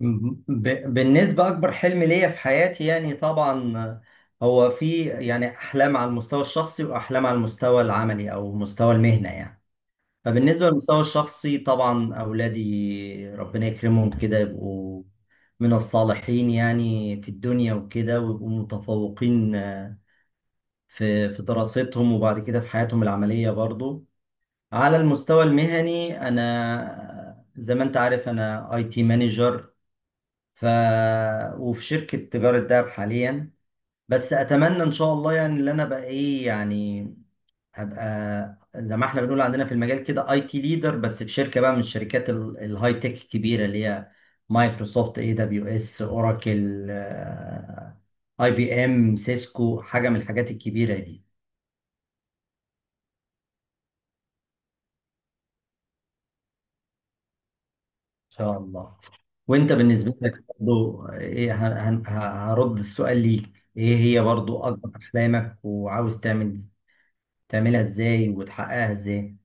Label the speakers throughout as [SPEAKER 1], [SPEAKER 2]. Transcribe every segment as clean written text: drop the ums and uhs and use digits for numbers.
[SPEAKER 1] بالنسبة أكبر حلم ليا في حياتي يعني طبعا هو في يعني أحلام على المستوى الشخصي وأحلام على المستوى العملي أو مستوى المهنة يعني. فبالنسبة للمستوى الشخصي طبعا أولادي ربنا يكرمهم كده يبقوا من الصالحين يعني في الدنيا وكده ويبقوا متفوقين آه، في دراستهم وبعد كده في حياتهم العملية برضو. على المستوى المهني أنا زي ما أنت عارف أنا أي تي مانجر ف وفي شركة تجارة دهب حاليا. بس أتمنى إن شاء الله يعني اللي أنا بقى إيه يعني أبقى زي ما إحنا بنقول عندنا في المجال كده أي تي ليدر، بس في شركة بقى من الشركات الهاي تك الكبيرة اللي هي مايكروسوفت، اي دبليو اس، اوراكل، اي بي ام، سيسكو، حاجة من الحاجات الكبيرة دي. إن شاء الله. وأنت بالنسبة لك برضو إيه هرد السؤال ليك، إيه هي برضو أكبر أحلامك وعاوز تعمل تعملها ازاي وتحققها ازاي؟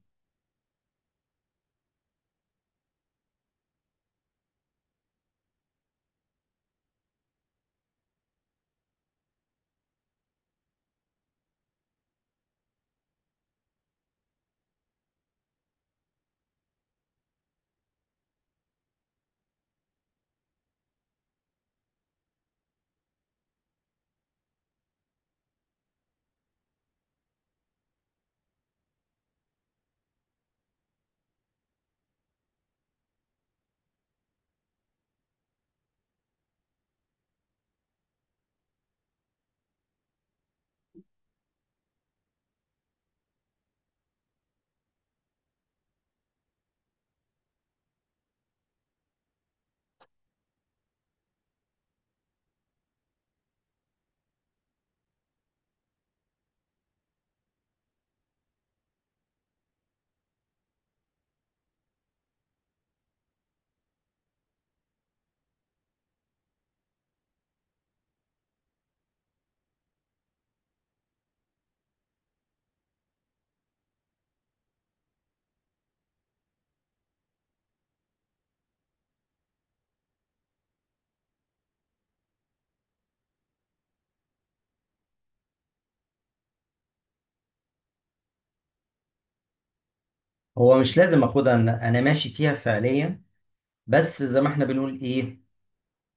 [SPEAKER 1] هو مش لازم اخدها، إن انا ماشي فيها فعليا. بس زي ما احنا بنقول ايه،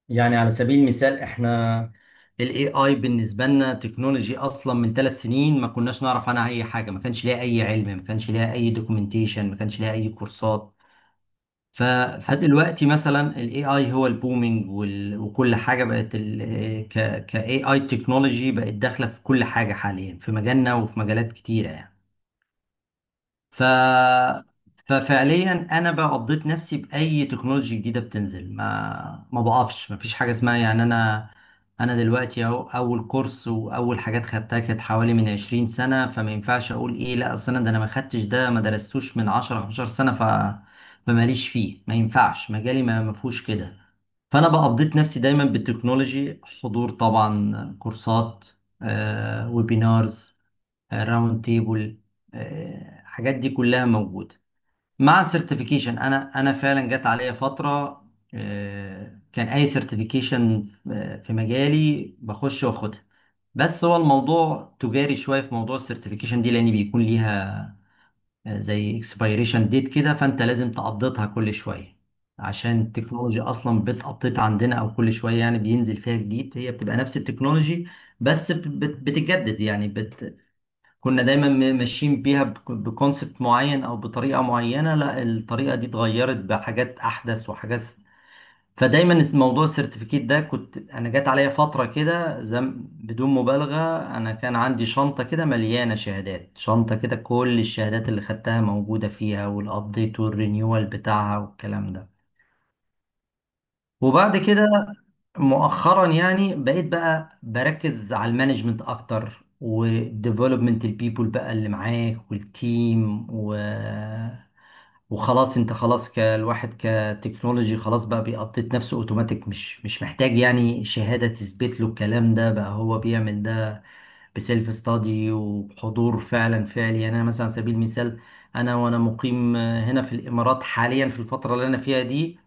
[SPEAKER 1] يعني على سبيل المثال احنا الاي اي بالنسبه لنا تكنولوجي اصلا من ثلاث سنين ما كناش نعرف عنها اي حاجه، ما كانش ليها اي علم، ما كانش ليها اي دوكيومنتيشن، ما كانش ليها اي كورسات. ف... فدلوقتي مثلا الاي اي هو البومينج وكل حاجه بقت كاي اي تكنولوجي بقت داخله في كل حاجه حاليا في مجالنا وفي مجالات كتيره يعني. ف... ففعليا انا بقى قضيت نفسي باي تكنولوجيا جديده بتنزل، ما بقفش، ما فيش حاجه اسمها يعني انا. انا دلوقتي اهو اول كورس واول حاجات خدتها كانت حوالي من 20 سنه، فما ينفعش اقول ايه لا اصل انا ده انا ما خدتش ده ما درستوش من 10 15 سنه. فماليش فيه، ما ينفعش مجالي ما فيهوش كده. فانا بقى قضيت نفسي دايما بالتكنولوجي، حضور طبعا كورسات آه ويبينارز، راوند تيبل، الحاجات دي كلها موجوده. مع السيرتيفيكيشن، انا فعلا جت عليا فتره آه، كان اي سيرتيفيكيشن في مجالي بخش واخدها. بس هو الموضوع تجاري شويه في موضوع السيرتيفيكيشن دي، لان بيكون ليها آه، زي اكسبيريشن ديت كده، فانت لازم تقضيتها كل شويه عشان التكنولوجيا اصلا بتقطيت عندنا او كل شويه يعني بينزل فيها جديد، هي بتبقى نفس التكنولوجي بس بتتجدد يعني كنا دايما ماشيين بيها بكونسبت معين او بطريقه معينه، لا الطريقه دي اتغيرت بحاجات احدث وحاجات. فدايما موضوع السيرتيفيكيت ده كنت انا جات عليا فتره كده زم بدون مبالغه، انا كان عندي شنطه كده مليانه شهادات، شنطه كده كل الشهادات اللي خدتها موجوده فيها والابديت والرينيوال بتاعها والكلام ده. وبعد كده مؤخرا يعني بقيت بقى بركز على المانجمنت اكتر وديفلوبمنت البيبول بقى اللي معاك والتيم وخلاص انت خلاص كالواحد كتكنولوجي خلاص بقى بيقطط نفسه اوتوماتيك، مش محتاج يعني شهادة تثبت له الكلام ده، بقى هو بيعمل ده بسيلف ستادي وحضور فعلا فعلي يعني. انا مثلا على سبيل المثال انا وانا مقيم هنا في الامارات حاليا في الفترة اللي انا فيها دي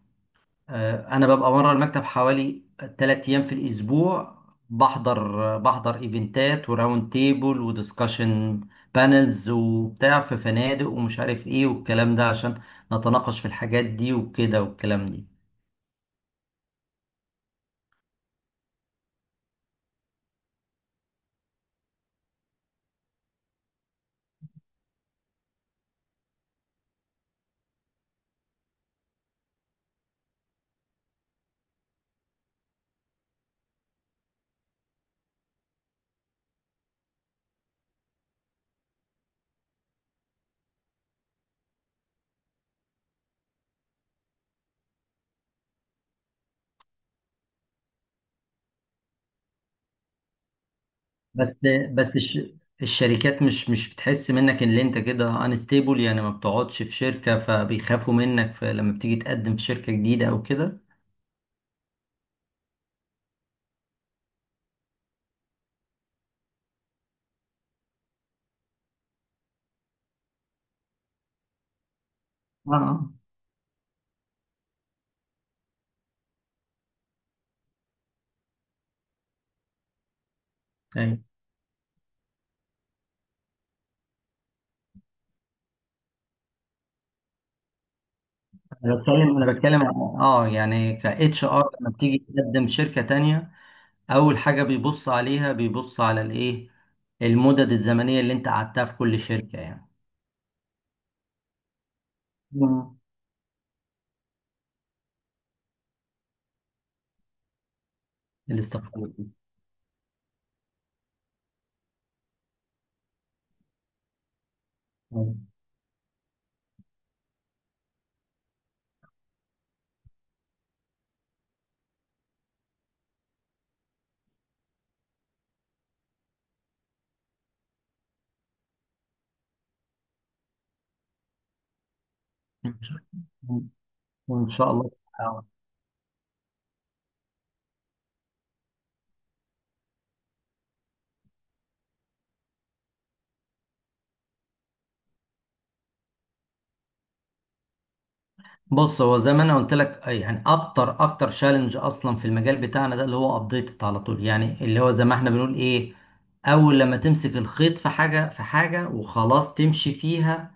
[SPEAKER 1] آه، انا ببقى بره المكتب حوالي 3 ايام في الاسبوع، بحضر آه، بحضر ايفنتات وراوند تيبل ودiscussion بانلز وبتاع في فنادق ومش عارف ايه والكلام ده عشان نتناقش في الحاجات دي وكده والكلام دي. بس بس الشركات مش بتحس منك ان انت كده انستيبل يعني، ما بتقعدش في شركة فبيخافوا منك في لما بتيجي تقدم في شركة جديدة او كده. اه آه. أيوة. انا بتكلم عن يعني ك اتش ار لما بتيجي تقدم شركه تانية، اول حاجه بيبص عليها بيبص على الايه، المدد الزمنيه اللي انت قعدتها في كل شركه يعني. مم. الاستقرار. ان شاء إن شاء الله. آه. بص هو زي ما انا قلت لك آه، يعني اكتر تشالنج اصلا في المجال بتاعنا ده اللي هو ابديت على طول يعني، اللي هو زي ما احنا بنقول ايه، اول لما تمسك الخيط في حاجه في حاجه وخلاص تمشي فيها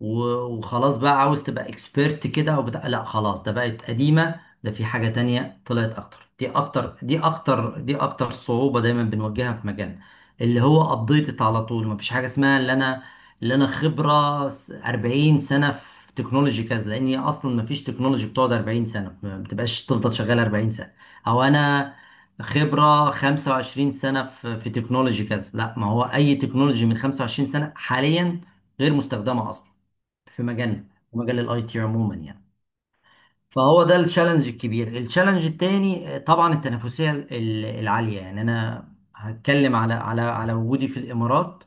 [SPEAKER 1] و- وخلاص بقى عاوز تبقى اكسبيرت كده او بتاع، لا خلاص ده بقت قديمة، ده في حاجة تانية طلعت اكتر، دي اكتر دي اكتر دي اكتر صعوبة دايما بنواجهها في مجالنا اللي هو ابديتد على طول. مفيش حاجة اسمها اللي انا خبرة 40 سنة في تكنولوجي كذا، لان هي اصلا مفيش تكنولوجي بتقعد 40 سنة، ما بتبقاش تفضل شغال 40 سنة، او انا خبرة 25 سنة في في تكنولوجي كذا، لا ما هو اي تكنولوجي من 25 سنة حاليا غير مستخدمة اصلا في مجالنا، في مجال الاي تي عموما يعني. فهو ده التشالنج الكبير. التشالنج التاني آه، طبعا التنافسيه العاليه، يعني انا هتكلم على على وجودي في الامارات،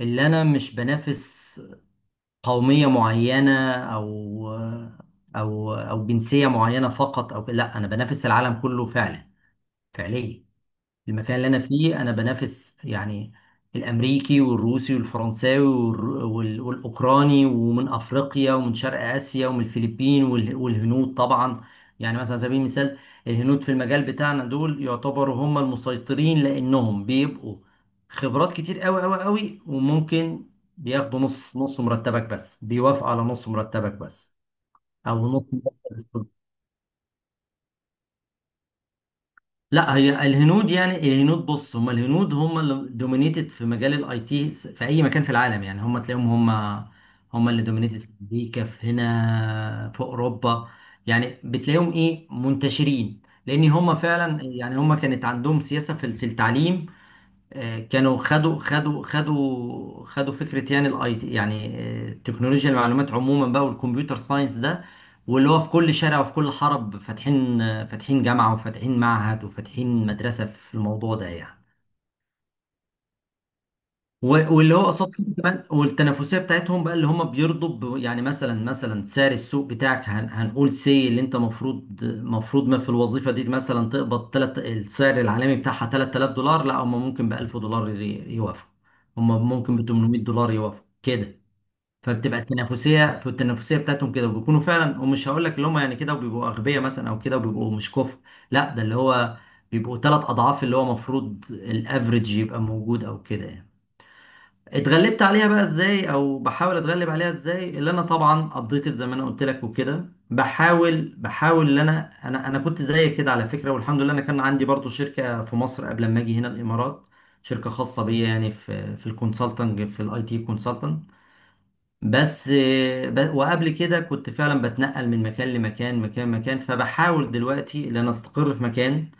[SPEAKER 1] اللي انا مش بنافس قوميه معينه او او جنسيه معينه فقط، او لا انا بنافس العالم كله فعلا فعليا. المكان اللي انا فيه انا بنافس يعني الامريكي والروسي والفرنساوي والاوكراني ومن افريقيا ومن شرق اسيا ومن الفلبين والهنود طبعا. يعني مثلا على سبيل المثال الهنود في المجال بتاعنا دول يعتبروا هم المسيطرين، لانهم بيبقوا خبرات كتير قوي قوي قوي، وممكن بياخدوا نص نص مرتبك، بس بيوافقوا على نص مرتبك بس، او نص مرتبك. لا هي الهنود، يعني الهنود بص، هم الهنود هم اللي دومينيتد في مجال الاي تي في اي مكان في العالم يعني، هم تلاقيهم هم هم اللي دومينيتد في امريكا، في هنا، في اوروبا، يعني بتلاقيهم ايه منتشرين، لان هم فعلا يعني هم كانت عندهم سياسة في في التعليم آه، كانوا خدوا فكره يعني الاي تي يعني آه، تكنولوجيا المعلومات عموما بقى والكمبيوتر ساينس ده، واللي هو في كل شارع وفي كل حرب فاتحين آه، فاتحين جامعه وفاتحين معهد وفاتحين مدرسه في الموضوع ده يعني. واللي هو قصاد كده كمان، والتنافسيه بتاعتهم بقى اللي هم بيرضوا يعني مثلا سعر السوق بتاعك هنقول سي اللي انت مفروض ما في الوظيفه دي مثلا تقبض تلت السعر العالمي بتاعها 3000 دولار، لا هم ممكن ب 1000 دولار يوافقوا، هم ممكن ب 800 دولار يوافقوا كده. فبتبقى التنافسيه في التنافسيه بتاعتهم كده وبيكونوا فعلا، ومش هقول لك اللي هم يعني كده وبيبقوا اغبياء مثلا او كده وبيبقوا مش كفء، لا ده اللي هو بيبقوا ثلاث اضعاف اللي هو مفروض الافريج يبقى موجود او كده يعني. اتغلبت عليها بقى ازاي او بحاول اتغلب عليها ازاي؟ اللي انا طبعا قضيت زي ما انا قلت لك وكده. بحاول ان انا كنت زيك كده على فكره، والحمد لله انا كان عندي برضو شركه في مصر قبل ما اجي هنا الامارات، شركه خاصه بيا يعني في في الكونسلتنج في الاي تي كونسلتنج. بس آه، وقبل كده كنت فعلا بتنقل من مكان لمكان مكان، فبحاول دلوقتي ان انا استقر في مكان،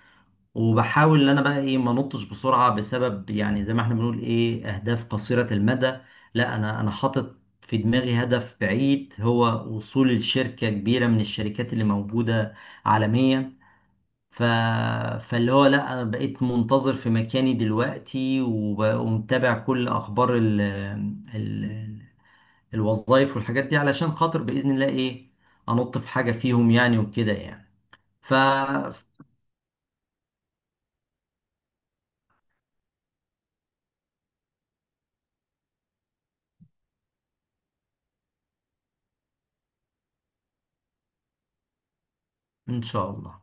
[SPEAKER 1] وبحاول ان انا بقى ايه ما انطش بسرعه بسبب يعني زي ما احنا بنقول ايه اهداف قصيره المدى. لا انا حاطط في دماغي هدف بعيد هو وصول الشركه كبيره من الشركات اللي موجوده عالميا. ف... فاللي هو لا انا بقيت منتظر في مكاني دلوقتي ومتابع كل اخبار ال... الوظائف والحاجات دي علشان خاطر باذن الله ايه، انط في حاجه فيهم يعني وكده يعني. ف ان شاء الله.